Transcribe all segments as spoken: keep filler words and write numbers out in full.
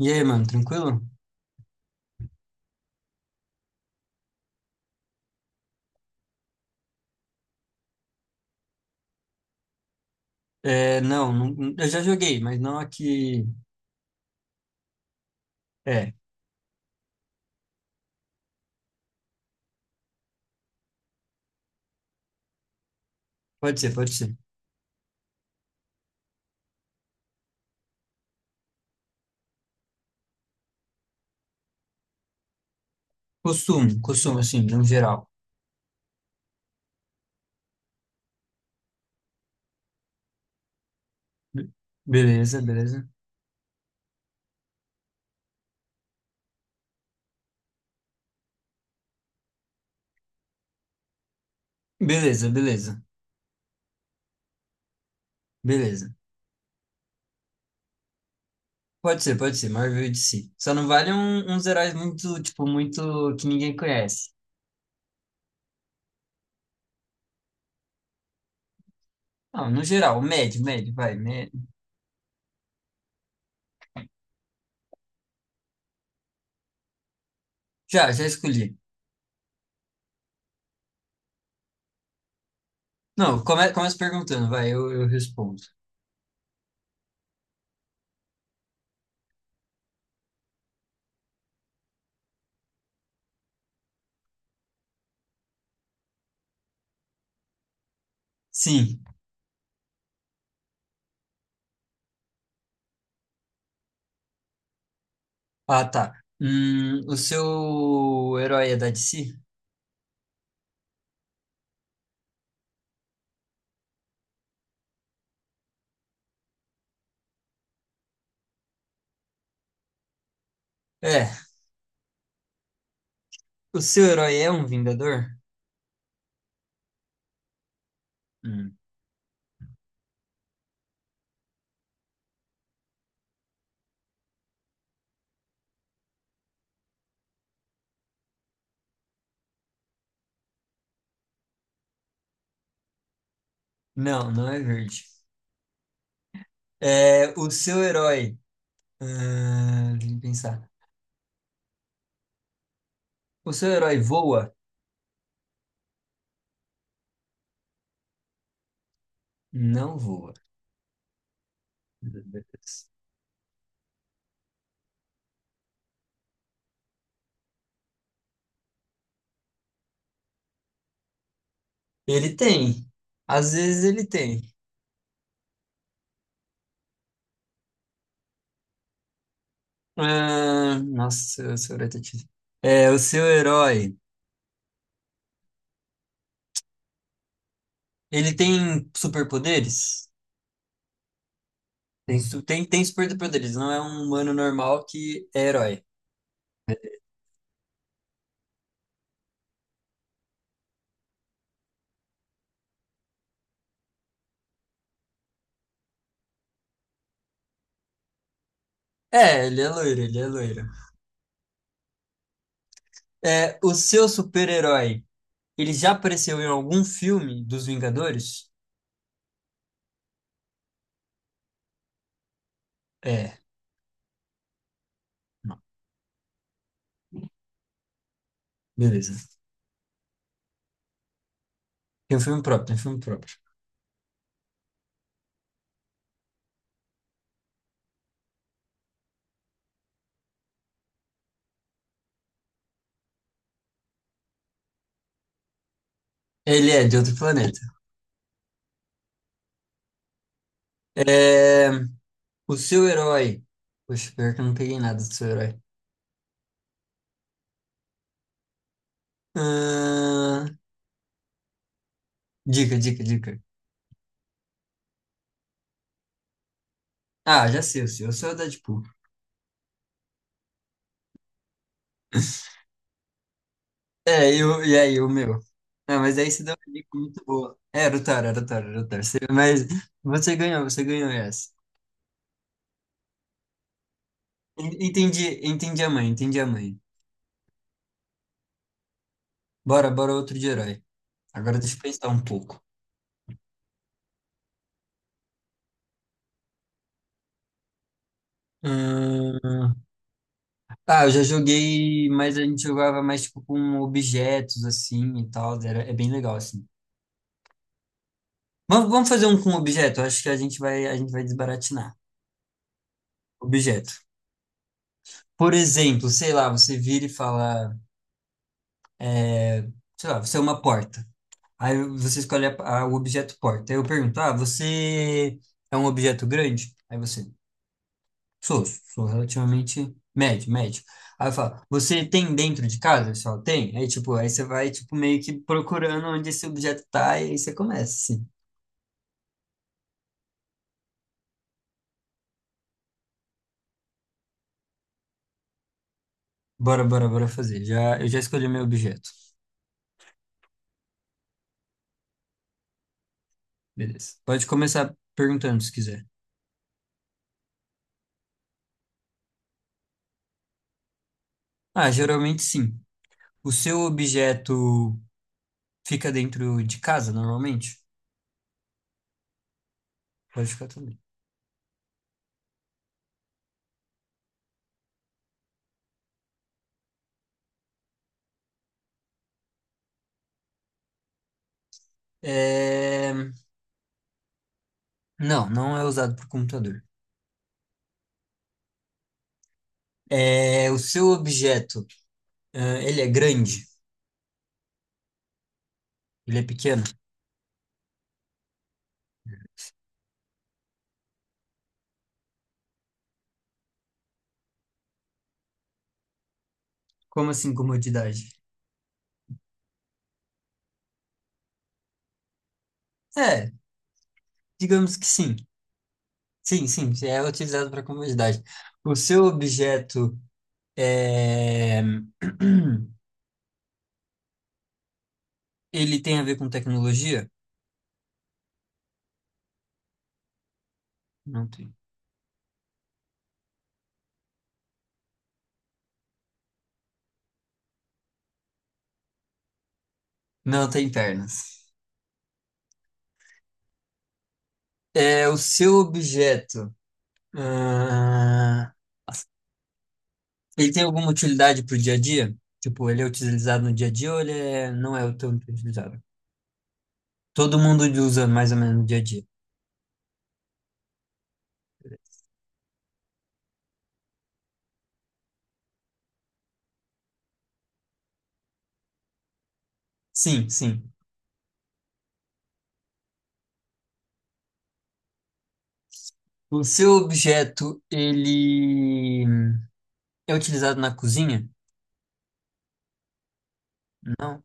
E aí, mano, tranquilo? É, não, não- eu já joguei, mas não aqui. É, Pode ser, pode ser. Costume, costume, assim, no geral. Be- Beleza, beleza. Beleza, beleza, beleza. Pode ser, pode ser, Marvel e D C. Só não vale um- uns heróis muito, tipo, muito que ninguém conhece. Não, no geral, médio, médio, vai, médio. Já, já escolhi. Não, come, começa perguntando, vai, eu, eu respondo. Sim. Ah, tá. Hum, o seu herói é da D C? É. O seu herói é um Vingador? Hum. Não, não é verde. É, o seu herói. Ah, deixa eu pensar. O seu herói voa? Não voa. Ele tem. Às vezes ele tem. Ah, nossa, o seu herói tá difícil. É, o seu herói. Ele tem superpoderes? Tem, su- tem, tem superpoderes, não é um humano normal que é herói. É, ele é loiro, ele é loiro. É, o seu super-herói. Ele já apareceu em algum filme dos Vingadores? É, não. Beleza. Tem um filme próprio, tem um filme próprio. Ele é de outro planeta. É, o seu herói. Poxa, pior que eu não peguei nada do seu herói. Ahn, Dica, dica, dica. Ah, já sei o seu. O seu é o Deadpool. É, eu, e aí, o meu? Ah, mas aí você deu uma dica muito boa. É, era o Taro, era o Taro, era o Taro. Você- Mas você ganhou, você ganhou essa. En- Entendi, entendi a mãe, entendi a mãe. Bora, bora outro de herói. Agora deixa eu pensar um pouco. Hum, Ah, eu já joguei, mas a gente jogava mais tipo com objetos assim e tal. Era... É bem legal assim. Vamos, vamos fazer um com objeto. Eu acho que a gente vai, a gente vai desbaratinar. Objeto. Por exemplo, sei lá, você vira e fala, é, sei lá, você é uma porta. Aí você escolhe a- a- o objeto porta. Aí eu pergunto, ah, você é um objeto grande? Aí você, sou, sou relativamente médio, médio. Aí eu falo, você tem dentro de casa? Só tem? Aí, tipo, aí você vai, tipo, meio que procurando onde esse objeto tá, e aí você começa, assim. Bora, bora, bora fazer. Já, eu já escolhi meu objeto. Beleza. Pode começar perguntando se quiser. Ah, geralmente sim. O seu objeto fica dentro de casa, normalmente? Pode ficar também. É... Não, não é usado por computador. É... O seu objeto, ah, ele é grande? Ele é pequeno? Como assim comodidade? É, digamos que sim. Sim, sim, é utilizado para comodidade. O seu objeto é... ele tem a ver com tecnologia? Não tem. Não tem pernas. É, o seu objeto. Ah, ele tem alguma utilidade pro dia a dia? Tipo, ele é utilizado no dia a dia ou ele é... não é tão utilizado? Todo mundo usa mais ou menos no dia a dia. Sim, sim. O seu objeto, ele é utilizado na cozinha? Não.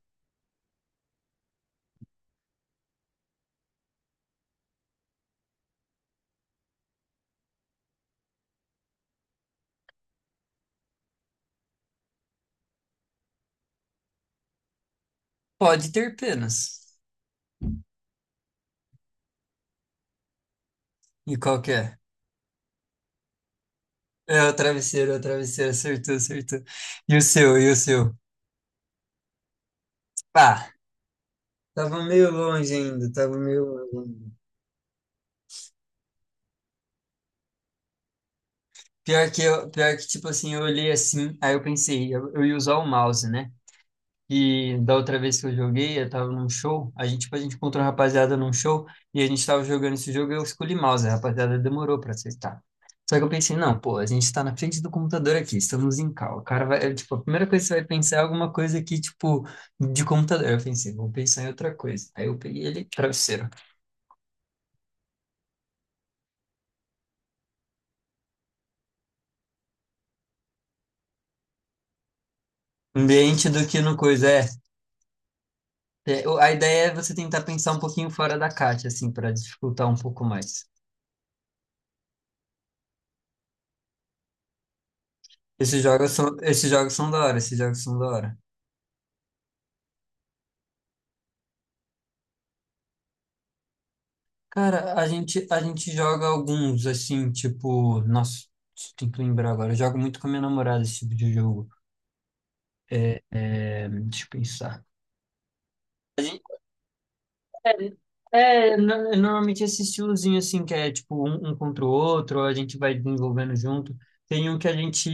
Pode ter penas. E qual que é? É o travesseiro, é o travesseiro, acertou, acertou. E o seu, e o seu? Pá, tava meio longe ainda, tava meio longe ainda. Pior que, eu, pior que, tipo assim, eu olhei assim, aí eu pensei, eu, eu ia usar o mouse, né? E da outra vez que eu joguei, eu tava num show. A gente, tipo, a gente encontrou a rapaziada num show e a gente tava jogando esse jogo e eu escolhi mouse. A rapaziada demorou pra aceitar. Só que eu pensei, não, pô, a gente tá na frente do computador aqui, estamos em call. O cara vai, é, tipo, a primeira coisa que você vai pensar é alguma coisa aqui, tipo, de computador. Eu pensei, vou pensar em outra coisa. Aí eu peguei ele, travesseiro. Ambiente do que no coisa, é. É, o- a ideia é você tentar pensar um pouquinho fora da caixa, assim, pra dificultar um pouco mais. Esses jogos são, esses jogos são da hora, esses jogos são da hora. Cara, a gente, a gente joga alguns, assim, tipo, nossa, tem que lembrar agora. Eu jogo muito com a minha namorada esse tipo de jogo. É, é, deixa eu pensar. A gente, é, é, no- normalmente esse estilozinho, assim, que é tipo um, um contra o outro, a gente vai desenvolvendo junto. Tem um que a gente,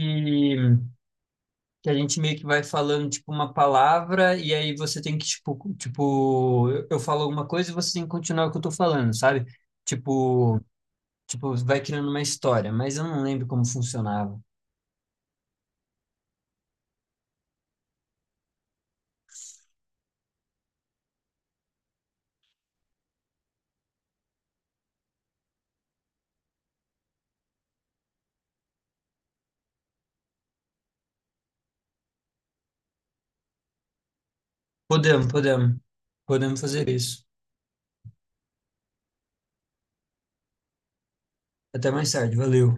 que a gente meio que vai falando, tipo, uma palavra, e aí você tem que, tipo, tipo, eu eu falo alguma coisa e você tem que continuar o que eu tô falando, sabe? Tipo. Tipo, vai criando uma história, mas eu não lembro como funcionava. Podemos, podemos. Podemos fazer isso. Até mais tarde, valeu.